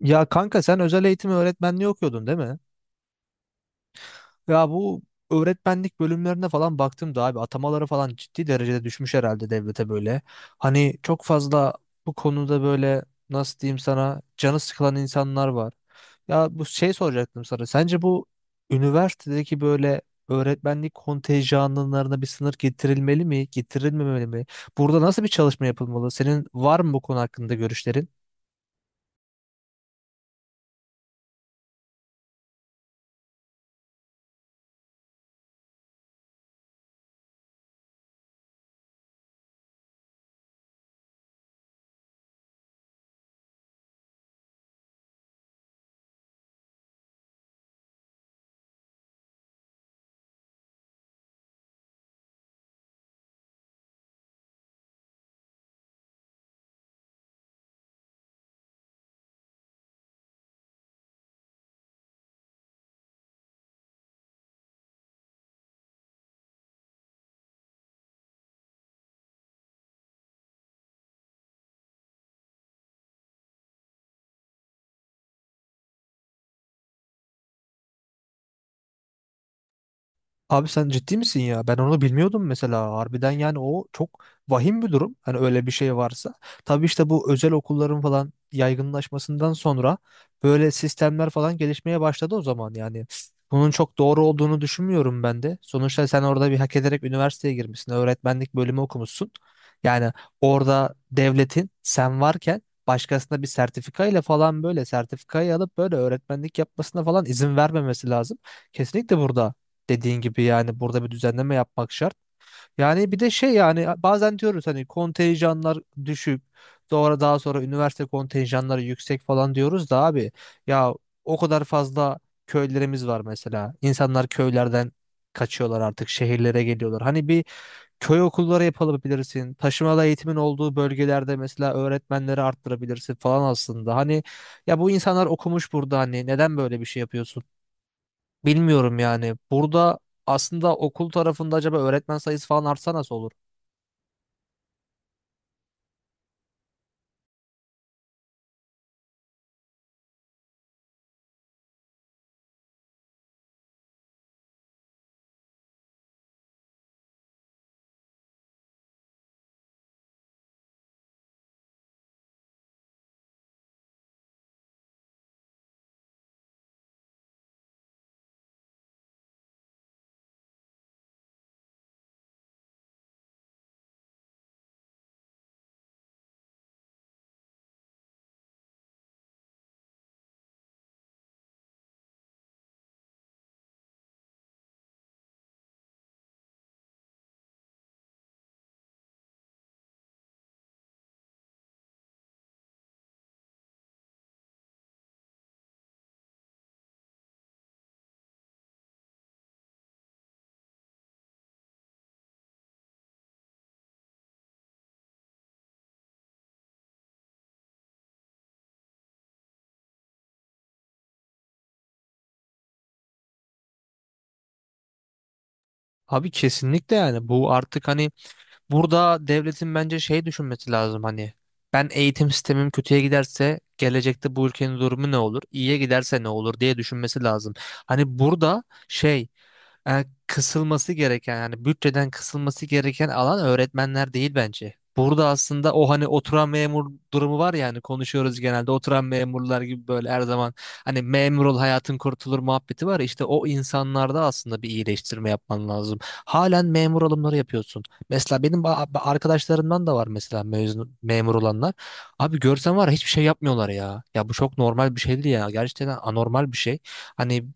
Ya kanka sen özel eğitim öğretmenliği okuyordun değil mi? Ya bu öğretmenlik bölümlerine falan baktığımda abi atamaları falan ciddi derecede düşmüş herhalde devlete böyle. Hani çok fazla bu konuda böyle nasıl diyeyim sana canı sıkılan insanlar var. Ya bu şey soracaktım sana. Sence bu üniversitedeki böyle öğretmenlik kontenjanlarına bir sınır getirilmeli mi, getirilmemeli mi? Burada nasıl bir çalışma yapılmalı? Senin var mı bu konu hakkında görüşlerin? Abi sen ciddi misin ya? Ben onu bilmiyordum mesela. Harbiden yani o çok vahim bir durum. Hani öyle bir şey varsa. Tabii işte bu özel okulların falan yaygınlaşmasından sonra böyle sistemler falan gelişmeye başladı o zaman yani. Bunun çok doğru olduğunu düşünmüyorum ben de. Sonuçta sen orada bir hak ederek üniversiteye girmişsin. Öğretmenlik bölümü okumuşsun. Yani orada devletin sen varken başkasına bir sertifikayla falan böyle sertifikayı alıp böyle öğretmenlik yapmasına falan izin vermemesi lazım. Kesinlikle burada. Dediğin gibi yani burada bir düzenleme yapmak şart. Yani bir de şey yani bazen diyoruz hani kontenjanlar düşük. Sonra daha sonra üniversite kontenjanları yüksek falan diyoruz da abi ya o kadar fazla köylerimiz var mesela. İnsanlar köylerden kaçıyorlar artık şehirlere geliyorlar. Hani bir köy okulları yapabilirsin. Taşımalı eğitimin olduğu bölgelerde mesela öğretmenleri arttırabilirsin falan aslında. Hani ya bu insanlar okumuş burada hani neden böyle bir şey yapıyorsun? Bilmiyorum yani. Burada aslında okul tarafında acaba öğretmen sayısı falan artsa nasıl olur? Abi kesinlikle yani bu artık hani burada devletin bence şey düşünmesi lazım hani ben eğitim sistemim kötüye giderse gelecekte bu ülkenin durumu ne olur? İyiye giderse ne olur diye düşünmesi lazım. Hani burada şey kısılması gereken yani bütçeden kısılması gereken alan öğretmenler değil bence. Burada aslında o hani oturan memur durumu var ya hani konuşuyoruz genelde oturan memurlar gibi böyle her zaman hani memur ol hayatın kurtulur muhabbeti var ya, işte o insanlarda aslında bir iyileştirme yapman lazım. Halen memur alımları yapıyorsun. Mesela benim arkadaşlarımdan da var mesela mezun, memur olanlar. Abi görsen var ya hiçbir şey yapmıyorlar ya. Ya bu çok normal bir şey değil ya. Gerçekten anormal bir şey. Hani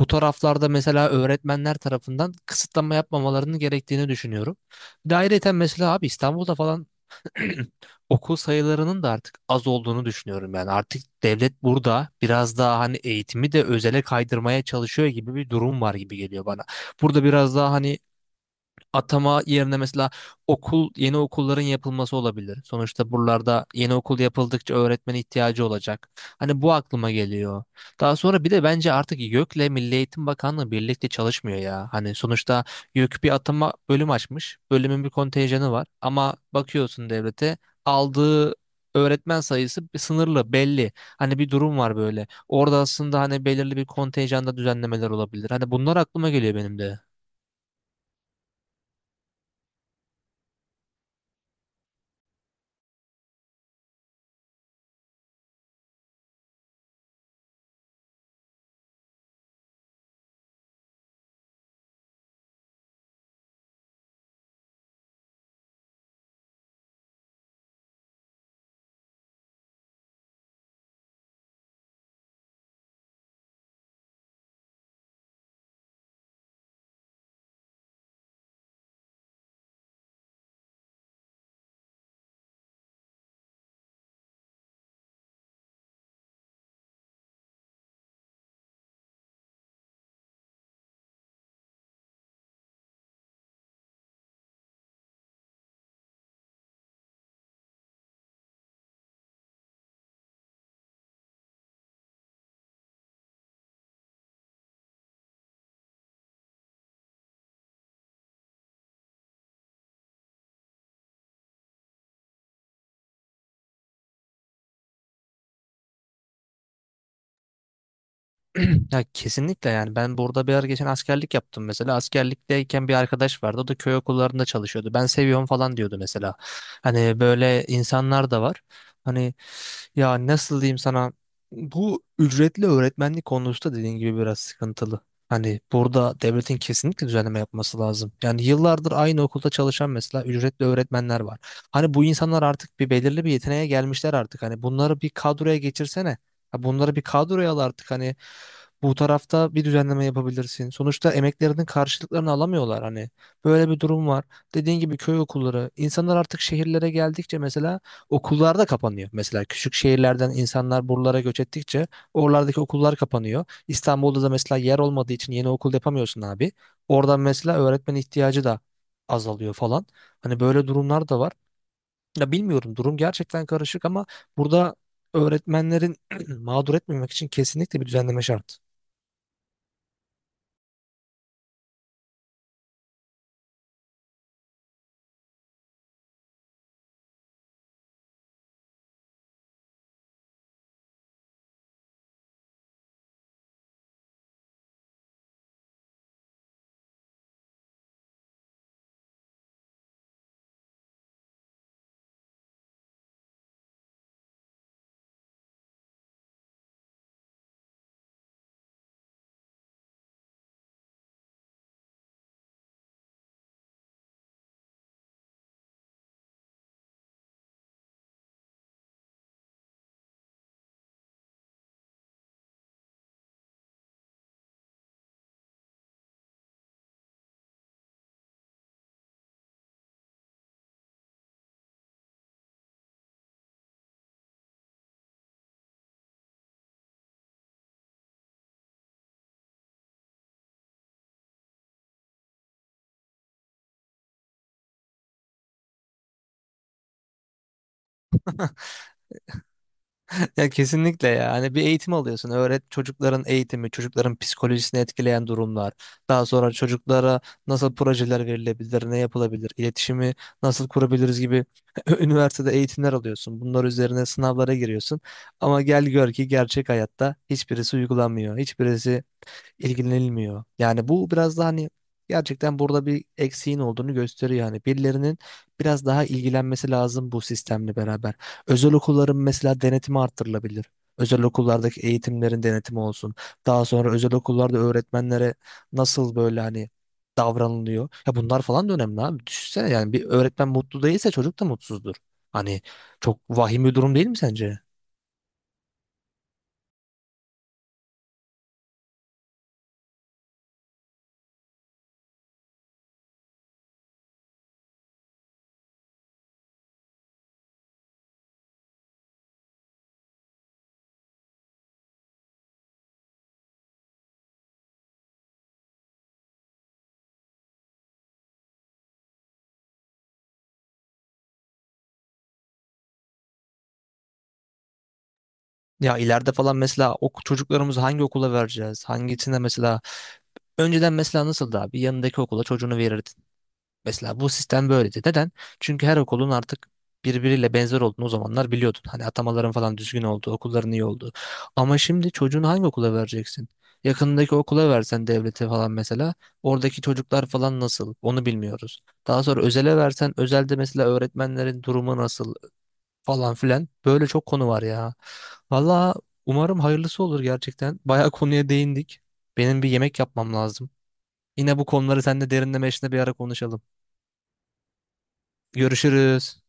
bu taraflarda mesela öğretmenler tarafından kısıtlama yapmamalarının gerektiğini düşünüyorum. Bir de ayrıyeten mesela abi İstanbul'da falan okul sayılarının da artık az olduğunu düşünüyorum. Yani artık devlet burada biraz daha hani eğitimi de özele kaydırmaya çalışıyor gibi bir durum var gibi geliyor bana. Burada biraz daha hani atama yerine mesela yeni okulların yapılması olabilir. Sonuçta buralarda yeni okul yapıldıkça öğretmen ihtiyacı olacak. Hani bu aklıma geliyor. Daha sonra bir de bence artık YÖK'le Milli Eğitim Bakanlığı birlikte çalışmıyor ya. Hani sonuçta YÖK bir atama bölüm açmış. Bölümün bir kontenjanı var ama bakıyorsun devlete aldığı öğretmen sayısı sınırlı belli. Hani bir durum var böyle. Orada aslında hani belirli bir kontenjanda düzenlemeler olabilir. Hani bunlar aklıma geliyor benim de. Ya kesinlikle yani ben burada bir ara geçen askerlik yaptım mesela askerlikteyken bir arkadaş vardı o da köy okullarında çalışıyordu ben seviyorum falan diyordu mesela hani böyle insanlar da var hani ya nasıl diyeyim sana bu ücretli öğretmenlik konusu da dediğin gibi biraz sıkıntılı hani burada devletin kesinlikle düzenleme yapması lazım yani yıllardır aynı okulda çalışan mesela ücretli öğretmenler var hani bu insanlar artık bir belirli bir yeteneğe gelmişler artık hani bunları bir kadroya geçirsene. Ya bunları bir kadroya al artık hani bu tarafta bir düzenleme yapabilirsin. Sonuçta emeklerinin karşılıklarını alamıyorlar hani. Böyle bir durum var. Dediğin gibi köy okulları. İnsanlar artık şehirlere geldikçe mesela okullar da kapanıyor. Mesela küçük şehirlerden insanlar buralara göç ettikçe oralardaki okullar kapanıyor. İstanbul'da da mesela yer olmadığı için yeni okul yapamıyorsun abi. Oradan mesela öğretmen ihtiyacı da azalıyor falan. Hani böyle durumlar da var. Ya bilmiyorum durum gerçekten karışık ama burada öğretmenlerin mağdur etmemek için kesinlikle bir düzenleme şart. Ya kesinlikle ya. Hani bir eğitim alıyorsun. Çocukların eğitimi, çocukların psikolojisini etkileyen durumlar. Daha sonra çocuklara nasıl projeler verilebilir, ne yapılabilir, iletişimi nasıl kurabiliriz gibi üniversitede eğitimler alıyorsun. Bunlar üzerine sınavlara giriyorsun. Ama gel gör ki gerçek hayatta hiçbirisi uygulanmıyor. Hiçbirisi ilgilenilmiyor. Yani bu biraz daha hani gerçekten burada bir eksiğin olduğunu gösteriyor. Yani birilerinin biraz daha ilgilenmesi lazım bu sistemle beraber. Özel okulların mesela denetimi arttırılabilir. Özel okullardaki eğitimlerin denetimi olsun. Daha sonra özel okullarda öğretmenlere nasıl böyle hani davranılıyor. Ya bunlar falan da önemli abi. Düşünsene yani bir öğretmen mutlu değilse çocuk da mutsuzdur. Hani çok vahim bir durum değil mi sence? Ya ileride falan mesela çocuklarımızı hangi okula vereceğiz? Hangisine mesela önceden mesela nasıldı abi? Yanındaki okula çocuğunu verirdin. Mesela bu sistem böyleydi. Neden? Çünkü her okulun artık birbiriyle benzer olduğunu o zamanlar biliyordun. Hani atamaların falan düzgün olduğu, okulların iyi olduğu. Ama şimdi çocuğunu hangi okula vereceksin? Yakınındaki okula versen devlete falan mesela oradaki çocuklar falan nasıl onu bilmiyoruz. Daha sonra özele versen özelde mesela öğretmenlerin durumu nasıl falan filan böyle çok konu var ya. Valla umarım hayırlısı olur gerçekten. Bayağı konuya değindik. Benim bir yemek yapmam lazım. Yine bu konuları seninle derinleme işinde bir ara konuşalım. Görüşürüz.